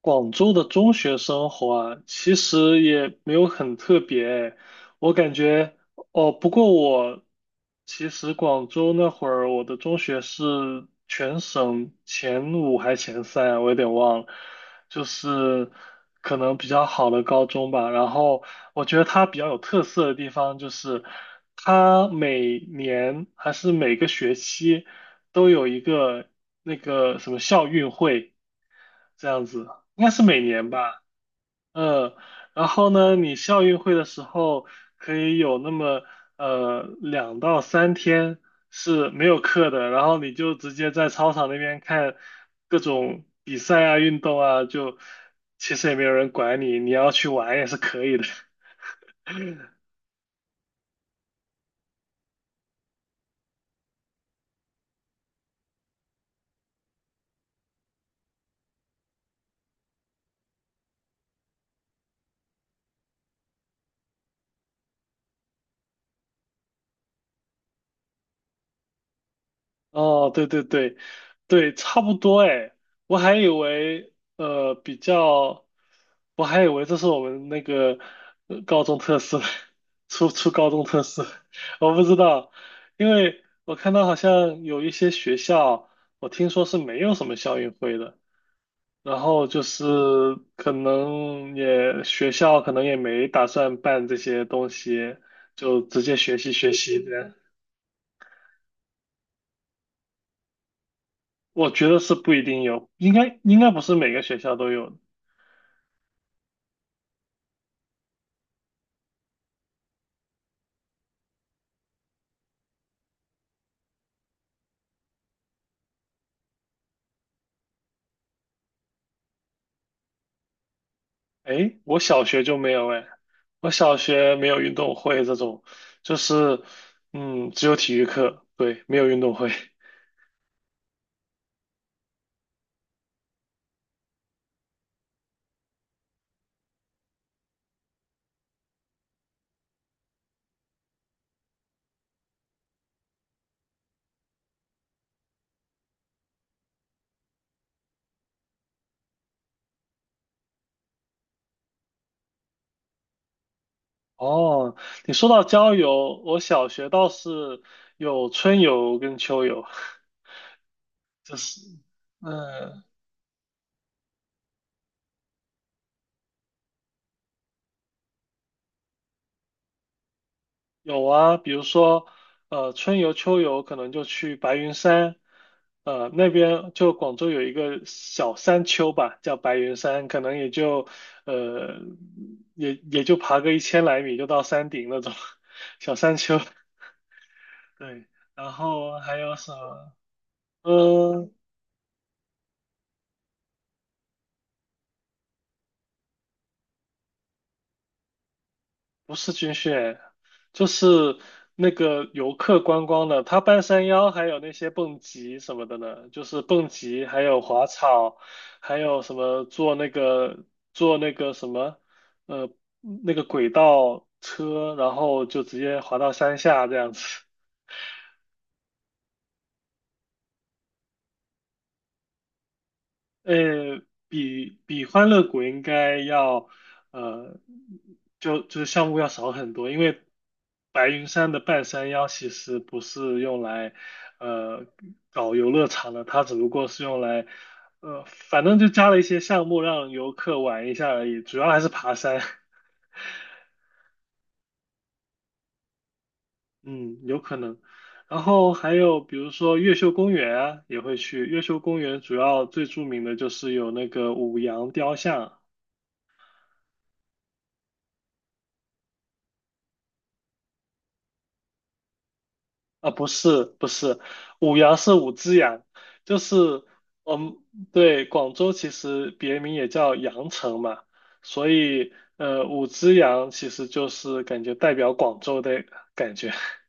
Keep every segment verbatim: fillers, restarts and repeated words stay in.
广州的中学生活啊，其实也没有很特别诶，我感觉，哦，不过我其实广州那会儿，我的中学是全省前五还前三啊，我有点忘了，就是可能比较好的高中吧。然后我觉得它比较有特色的地方就是，它每年还是每个学期都有一个那个什么校运会。这样子，应该是每年吧。嗯，然后呢，你校运会的时候可以有那么呃两到三天是没有课的，然后你就直接在操场那边看各种比赛啊、运动啊，就其实也没有人管你，你要去玩也是可以的。哦，对对对，对，差不多哎，我还以为呃比较，我还以为这是我们那个呃高中特色，初初高中特色，我不知道，因为我看到好像有一些学校，我听说是没有什么校运会的，然后就是可能也学校可能也没打算办这些东西，就直接学习学习的。我觉得是不一定有，应该应该不是每个学校都有的。哎，我小学就没有哎，我小学没有运动会这种，就是嗯，只有体育课，对，没有运动会。哦，你说到郊游，我小学倒是有春游跟秋游，就是嗯，呃有啊，比如说，呃，春游、秋游可能就去白云山，呃，那边就广州有一个小山丘吧，叫白云山，可能也就，呃，也也就爬个一千来米就到山顶那种 小山丘。对，然后还有什么？嗯。不是军训，就是那个游客观光的，他半山腰还有那些蹦极什么的呢，就是蹦极，还有滑草，还有什么坐那个坐那个什么，呃，那个轨道车，然后就直接滑到山下这样子。呃，比比欢乐谷应该要，呃，就就是项目要少很多，因为白云山的半山腰其实不是用来，呃，搞游乐场的，它只不过是用来，呃，反正就加了一些项目让游客玩一下而已，主要还是爬山，嗯，有可能。然后还有比如说越秀公园啊，也会去。越秀公园主要最著名的就是有那个五羊雕像。啊，不是不是，五羊是五只羊，就是嗯，对，广州其实别名也叫羊城嘛，所以呃，五只羊其实就是感觉代表广州的感觉。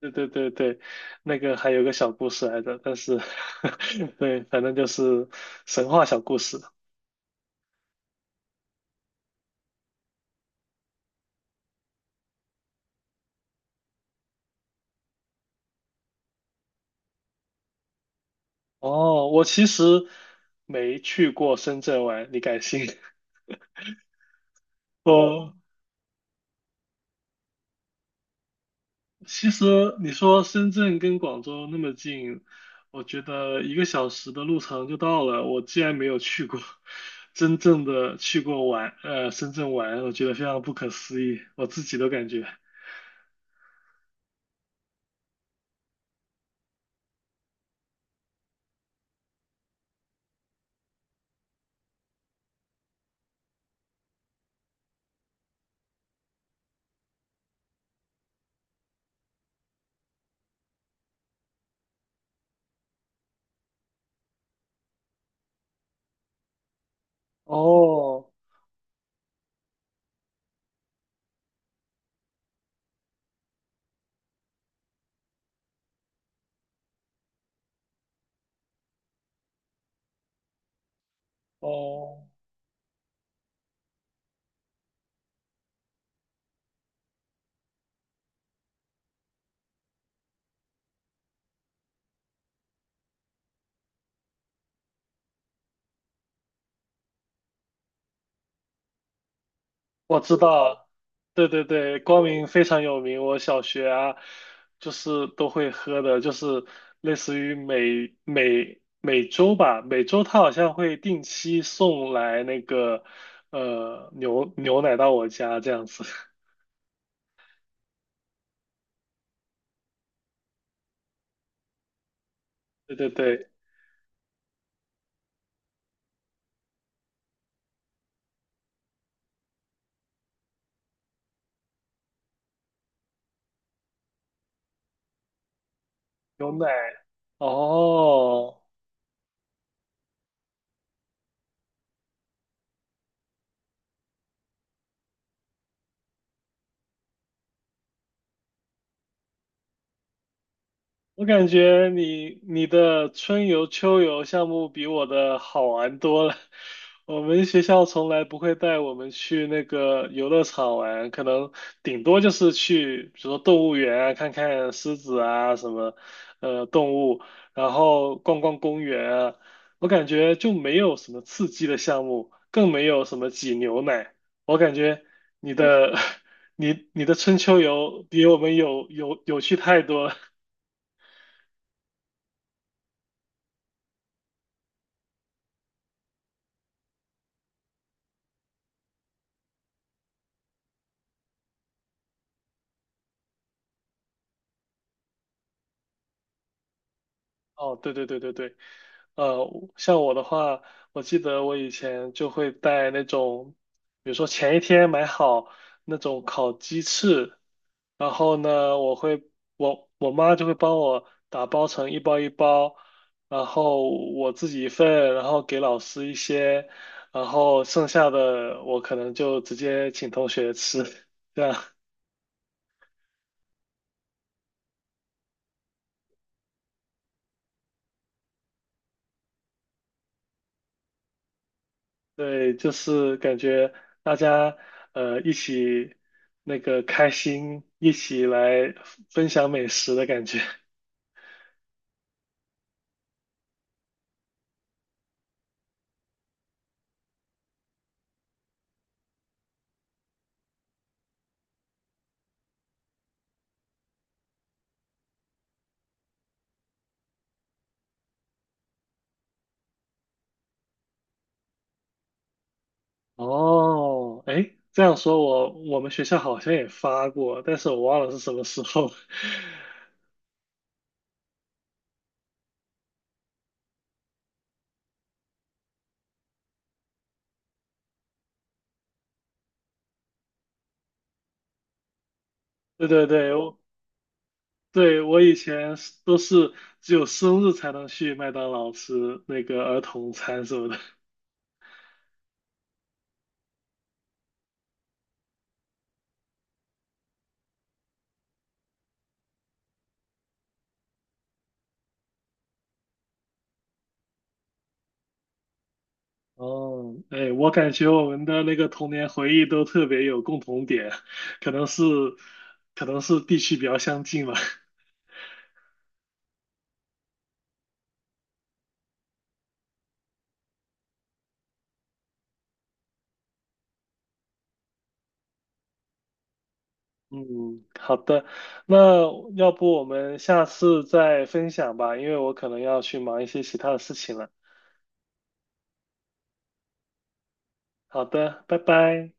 对对对对，那个还有个小故事来着，但是 对，反正就是神话小故事。哦，我其实没去过深圳玩，你敢信？哦。其实你说深圳跟广州那么近，我觉得一个小时的路程就到了。我既然没有去过，真正的去过玩，呃，深圳玩，我觉得非常不可思议，我自己都感觉。哦哦，我知道，对对对，光明非常有名。我小学啊，就是都会喝的，就是类似于每每每周吧，每周他好像会定期送来那个呃牛牛奶到我家这样子。对对对，牛奶。哦，我感觉你你的春游、秋游项目比我的好玩多了。我们学校从来不会带我们去那个游乐场玩，可能顶多就是去，比如说动物园啊，看看狮子啊什么，呃，动物，然后逛逛公园啊。我感觉就没有什么刺激的项目，更没有什么挤牛奶。我感觉你的 你你的春秋游比我们有有有趣太多了。哦，对对对对对，呃，像我的话，我记得我以前就会带那种，比如说前一天买好那种烤鸡翅，然后呢，我会我我妈就会帮我打包成一包一包，然后我自己一份，然后给老师一些，然后剩下的我可能就直接请同学吃，这样。对，就是感觉大家呃一起那个开心，一起来分享美食的感觉。哦，哎，这样说我我们学校好像也发过，但是我忘了是什么时候。对对对，我对我以前是都是只有生日才能去麦当劳吃那个儿童餐什么的。哦，哎，我感觉我们的那个童年回忆都特别有共同点，可能是，可能是地区比较相近吧。嗯，好的，那要不我们下次再分享吧，因为我可能要去忙一些其他的事情了。好的，拜拜。